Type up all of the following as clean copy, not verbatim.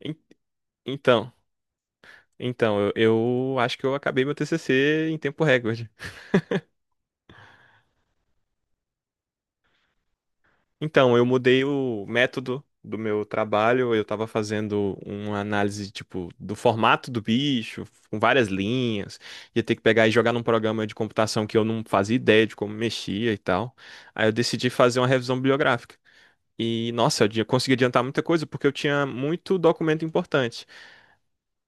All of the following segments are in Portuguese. En- Então, então, eu acho que eu acabei meu TCC em tempo recorde. Então, eu mudei o método do meu trabalho, eu estava fazendo uma análise tipo do formato do bicho, com várias linhas, ia ter que pegar e jogar num programa de computação que eu não fazia ideia de como mexia e tal. Aí eu decidi fazer uma revisão bibliográfica. E nossa, consegui adiantar muita coisa porque eu tinha muito documento importante.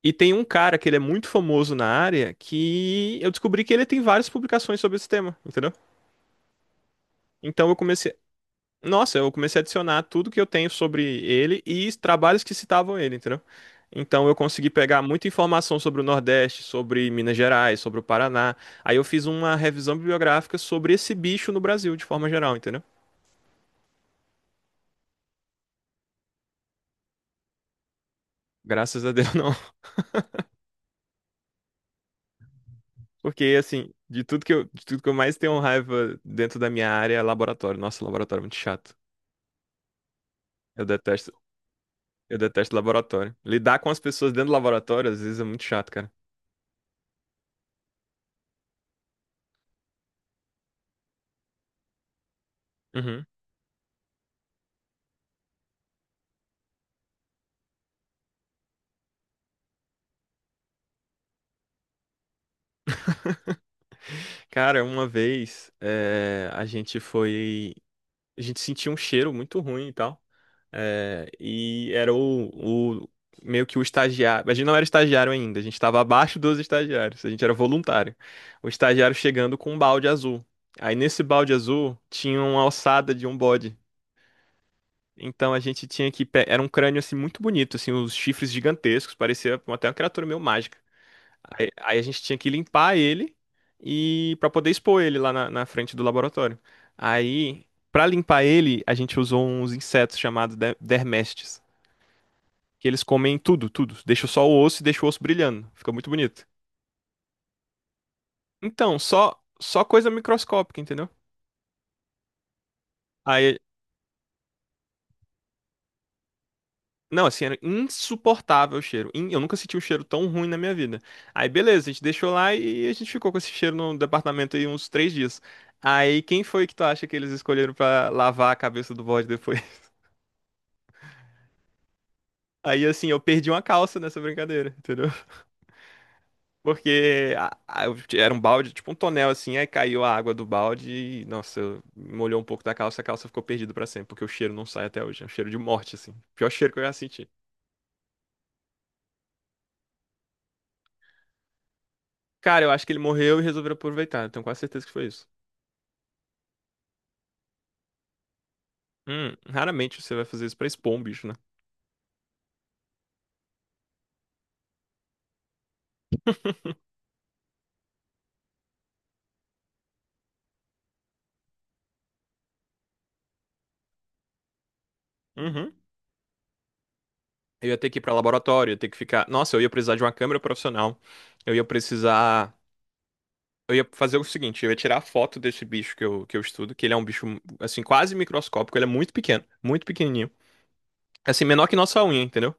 E tem um cara que ele é muito famoso na área que eu descobri que ele tem várias publicações sobre esse tema, entendeu? Então eu comecei. Nossa, eu comecei a adicionar tudo que eu tenho sobre ele e trabalhos que citavam ele, entendeu? Então eu consegui pegar muita informação sobre o Nordeste, sobre Minas Gerais, sobre o Paraná. Aí eu fiz uma revisão bibliográfica sobre esse bicho no Brasil, de forma geral, entendeu? Graças a Deus não. Porque, assim, de tudo que eu mais tenho raiva dentro da minha área é laboratório. Nossa, laboratório é muito chato. Eu detesto. Eu detesto laboratório. Lidar com as pessoas dentro do laboratório, às vezes, é muito chato, cara. Uhum. Cara, uma vez a gente foi. A gente sentiu um cheiro muito ruim e tal. E era meio que o estagiário. A gente não era estagiário ainda, a gente estava abaixo dos estagiários, a gente era voluntário. O estagiário chegando com um balde azul. Aí nesse balde azul tinha uma ossada de um bode. Então a gente tinha que Era um crânio assim muito bonito, assim, os chifres gigantescos, parecia até uma criatura meio mágica. Aí a gente tinha que limpar ele e para poder expor ele lá na frente do laboratório. Aí, para limpar ele, a gente usou uns insetos dermestes, que eles comem tudo, tudo. Deixa só o osso e deixa o osso brilhando. Fica muito bonito. Então, só coisa microscópica, entendeu? Aí Não, assim, era insuportável o cheiro. Eu nunca senti um cheiro tão ruim na minha vida. Aí, beleza, a gente deixou lá e a gente ficou com esse cheiro no departamento aí uns três dias. Aí, quem foi que tu acha que eles escolheram pra lavar a cabeça do bode depois? Aí, assim, eu perdi uma calça nessa brincadeira, entendeu? Porque a- eu- Era um balde, tipo um tonel, assim, aí caiu a água do balde e, nossa, molhou um pouco da calça, a calça ficou perdida pra sempre, porque o cheiro não sai até hoje. É um cheiro de morte, assim. Pior cheiro que eu já senti. Cara, eu acho que ele morreu e resolveram aproveitar. Tenho quase certeza que foi isso. Raramente você vai fazer isso pra expor um bicho, né? Uhum. Eu ia ter que ir pra laboratório, ia ter que ficar. Nossa, eu ia precisar de uma câmera profissional. Eu ia precisar. Eu ia fazer o seguinte: eu ia tirar a foto desse bicho que eu estudo, que ele é um bicho, assim, quase microscópico. Ele é muito pequeno, muito pequenininho. Assim, menor que nossa unha, entendeu?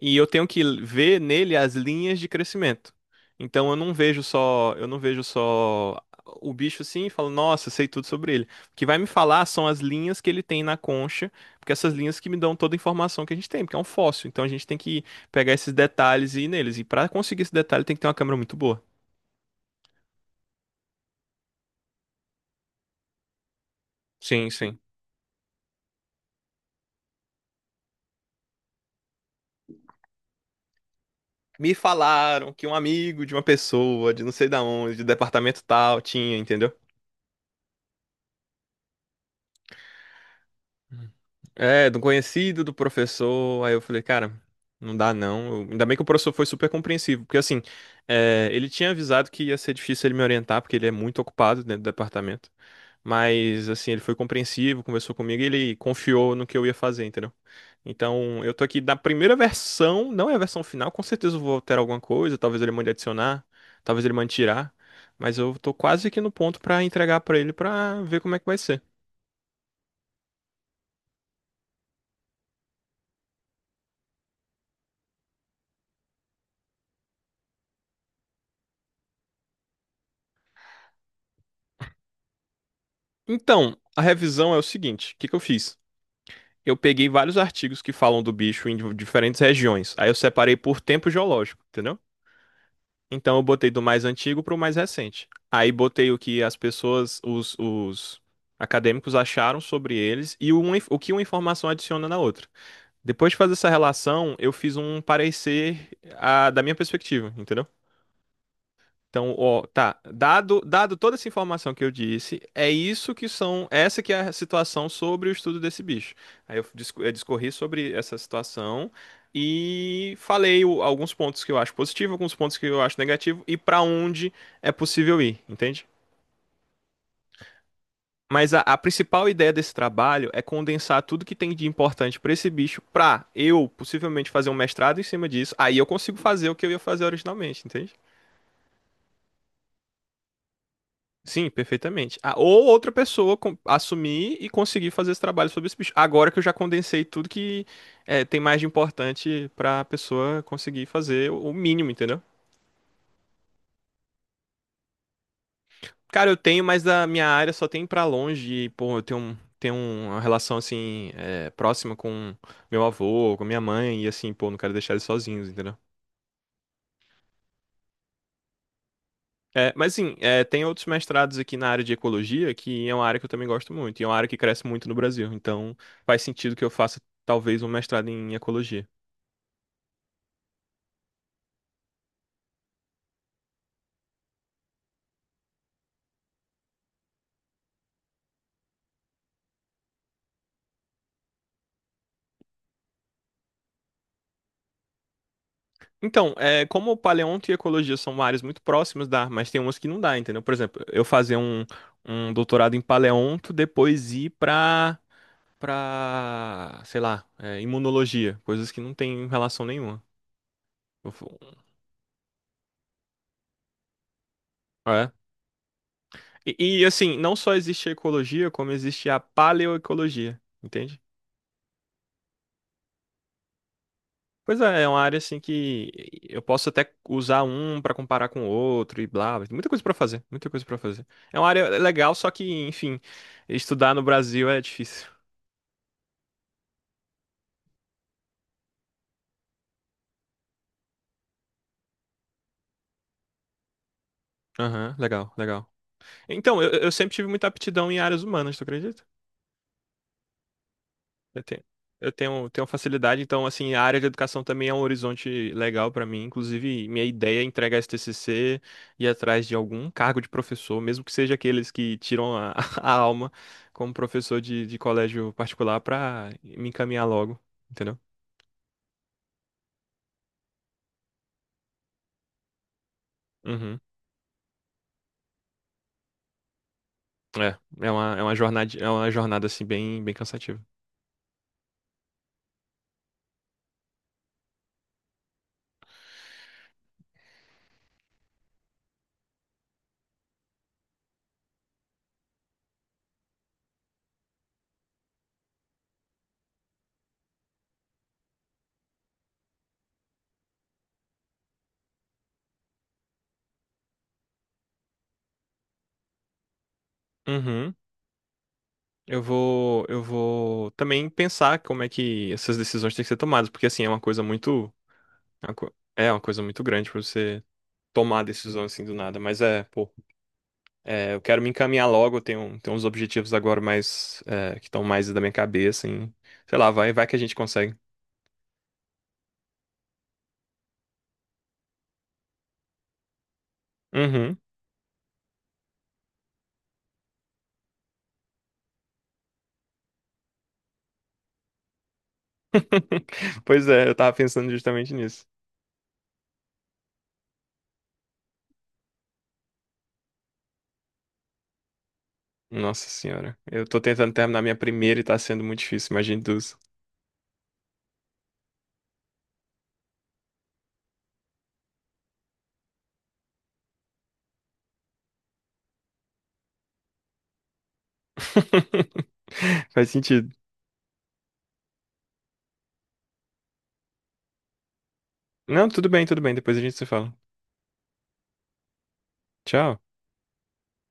E eu tenho que ver nele as linhas de crescimento. Então eu não vejo só o bicho assim e falo, nossa, sei tudo sobre ele. O que vai me falar são as linhas que ele tem na concha, porque essas linhas que me dão toda a informação que a gente tem, porque é um fóssil. Então a gente tem que pegar esses detalhes e ir neles. E para conseguir esse detalhe tem que ter uma câmera muito boa. Sim, sim. Me falaram que um amigo de uma pessoa, de não sei da onde, de departamento tal, tinha, entendeu? É, do conhecido, do professor. Aí eu falei, cara, não dá não. Ainda bem que o professor foi super compreensivo, porque assim, é, ele tinha avisado que ia ser difícil ele me orientar, porque ele é muito ocupado dentro do departamento. Mas assim, ele foi compreensivo, conversou comigo e ele confiou no que eu ia fazer, entendeu? Então, eu tô aqui da primeira versão, não é a versão final, com certeza eu vou alterar alguma coisa, talvez ele mande adicionar, talvez ele mande tirar, mas eu tô quase aqui no ponto pra entregar pra ele pra ver como é que vai ser. Então, a revisão é o seguinte: o que que eu fiz? Eu peguei vários artigos que falam do bicho em diferentes regiões. Aí eu separei por tempo geológico, entendeu? Então eu botei do mais antigo para o mais recente. Aí botei o que os acadêmicos acharam sobre eles e o que uma informação adiciona na outra. Depois de fazer essa relação, eu fiz um parecer, ah, da minha perspectiva, entendeu? Então, ó, tá. Dado toda essa informação que eu disse, essa que é a situação sobre o estudo desse bicho. Eu discorri sobre essa situação e falei alguns pontos que eu acho positivo, alguns pontos que eu acho negativo e para onde é possível ir, entende? Mas a principal ideia desse trabalho é condensar tudo que tem de importante para esse bicho, para eu possivelmente fazer um mestrado em cima disso. Aí eu consigo fazer o que eu ia fazer originalmente, entende? Sim, perfeitamente. Ah, ou outra pessoa assumir e conseguir fazer esse trabalho sobre esse bicho. Agora que eu já condensei tudo que é, tem mais de importante pra pessoa conseguir fazer o mínimo, entendeu? Cara, eu tenho, mas da minha área só tem pra longe. E, pô, eu tenho uma relação, assim, é, próxima com meu avô, com minha mãe. E, assim, pô, não quero deixar eles sozinhos, entendeu? É, mas sim, é, tem outros mestrados aqui na área de ecologia, que é uma área que eu também gosto muito, e é uma área que cresce muito no Brasil. Então, faz sentido que eu faça talvez um mestrado em ecologia. Então, é, como paleonto e ecologia são áreas muito próximas, dá, mas tem umas que não dá, entendeu? Por exemplo, eu fazer um doutorado em paleonto, depois ir pra sei lá, é, imunologia, coisas que não tem relação nenhuma. Eu fu- É. E, e assim, não só existe a ecologia, como existe a paleoecologia, entende? Pois é, é uma área assim que eu posso até usar um pra comparar com o outro e blá, blá. Muita coisa pra fazer, muita coisa pra fazer. É uma área legal, só que, enfim, estudar no Brasil é difícil. Aham, legal, legal. Então, eu sempre tive muita aptidão em áreas humanas, tu acredita? Eu tenho, eu tenho facilidade, então, assim, a área de educação também é um horizonte legal para mim. Inclusive, minha ideia é entregar esse TCC e ir atrás de algum cargo de professor, mesmo que seja aqueles que tiram a, a alma como professor de colégio particular, para me encaminhar logo, entendeu? Uhum. É, é uma jornada, assim, bem, bem cansativa. Uhum. Eu vou também pensar como é que essas decisões têm que ser tomadas, porque, assim, é uma coisa muito... É uma coisa muito grande para você tomar a decisão assim do nada. Mas é, pô, é, eu quero me encaminhar logo. Tenho uns objetivos agora mais, é, que estão mais da minha cabeça. Em, sei lá, vai que a gente consegue. Uhum. Pois é, eu tava pensando justamente nisso. Nossa senhora, eu tô tentando terminar minha primeira e tá sendo muito difícil, imagine duas. Faz sentido. Não, tudo bem, depois a gente se fala. Tchau.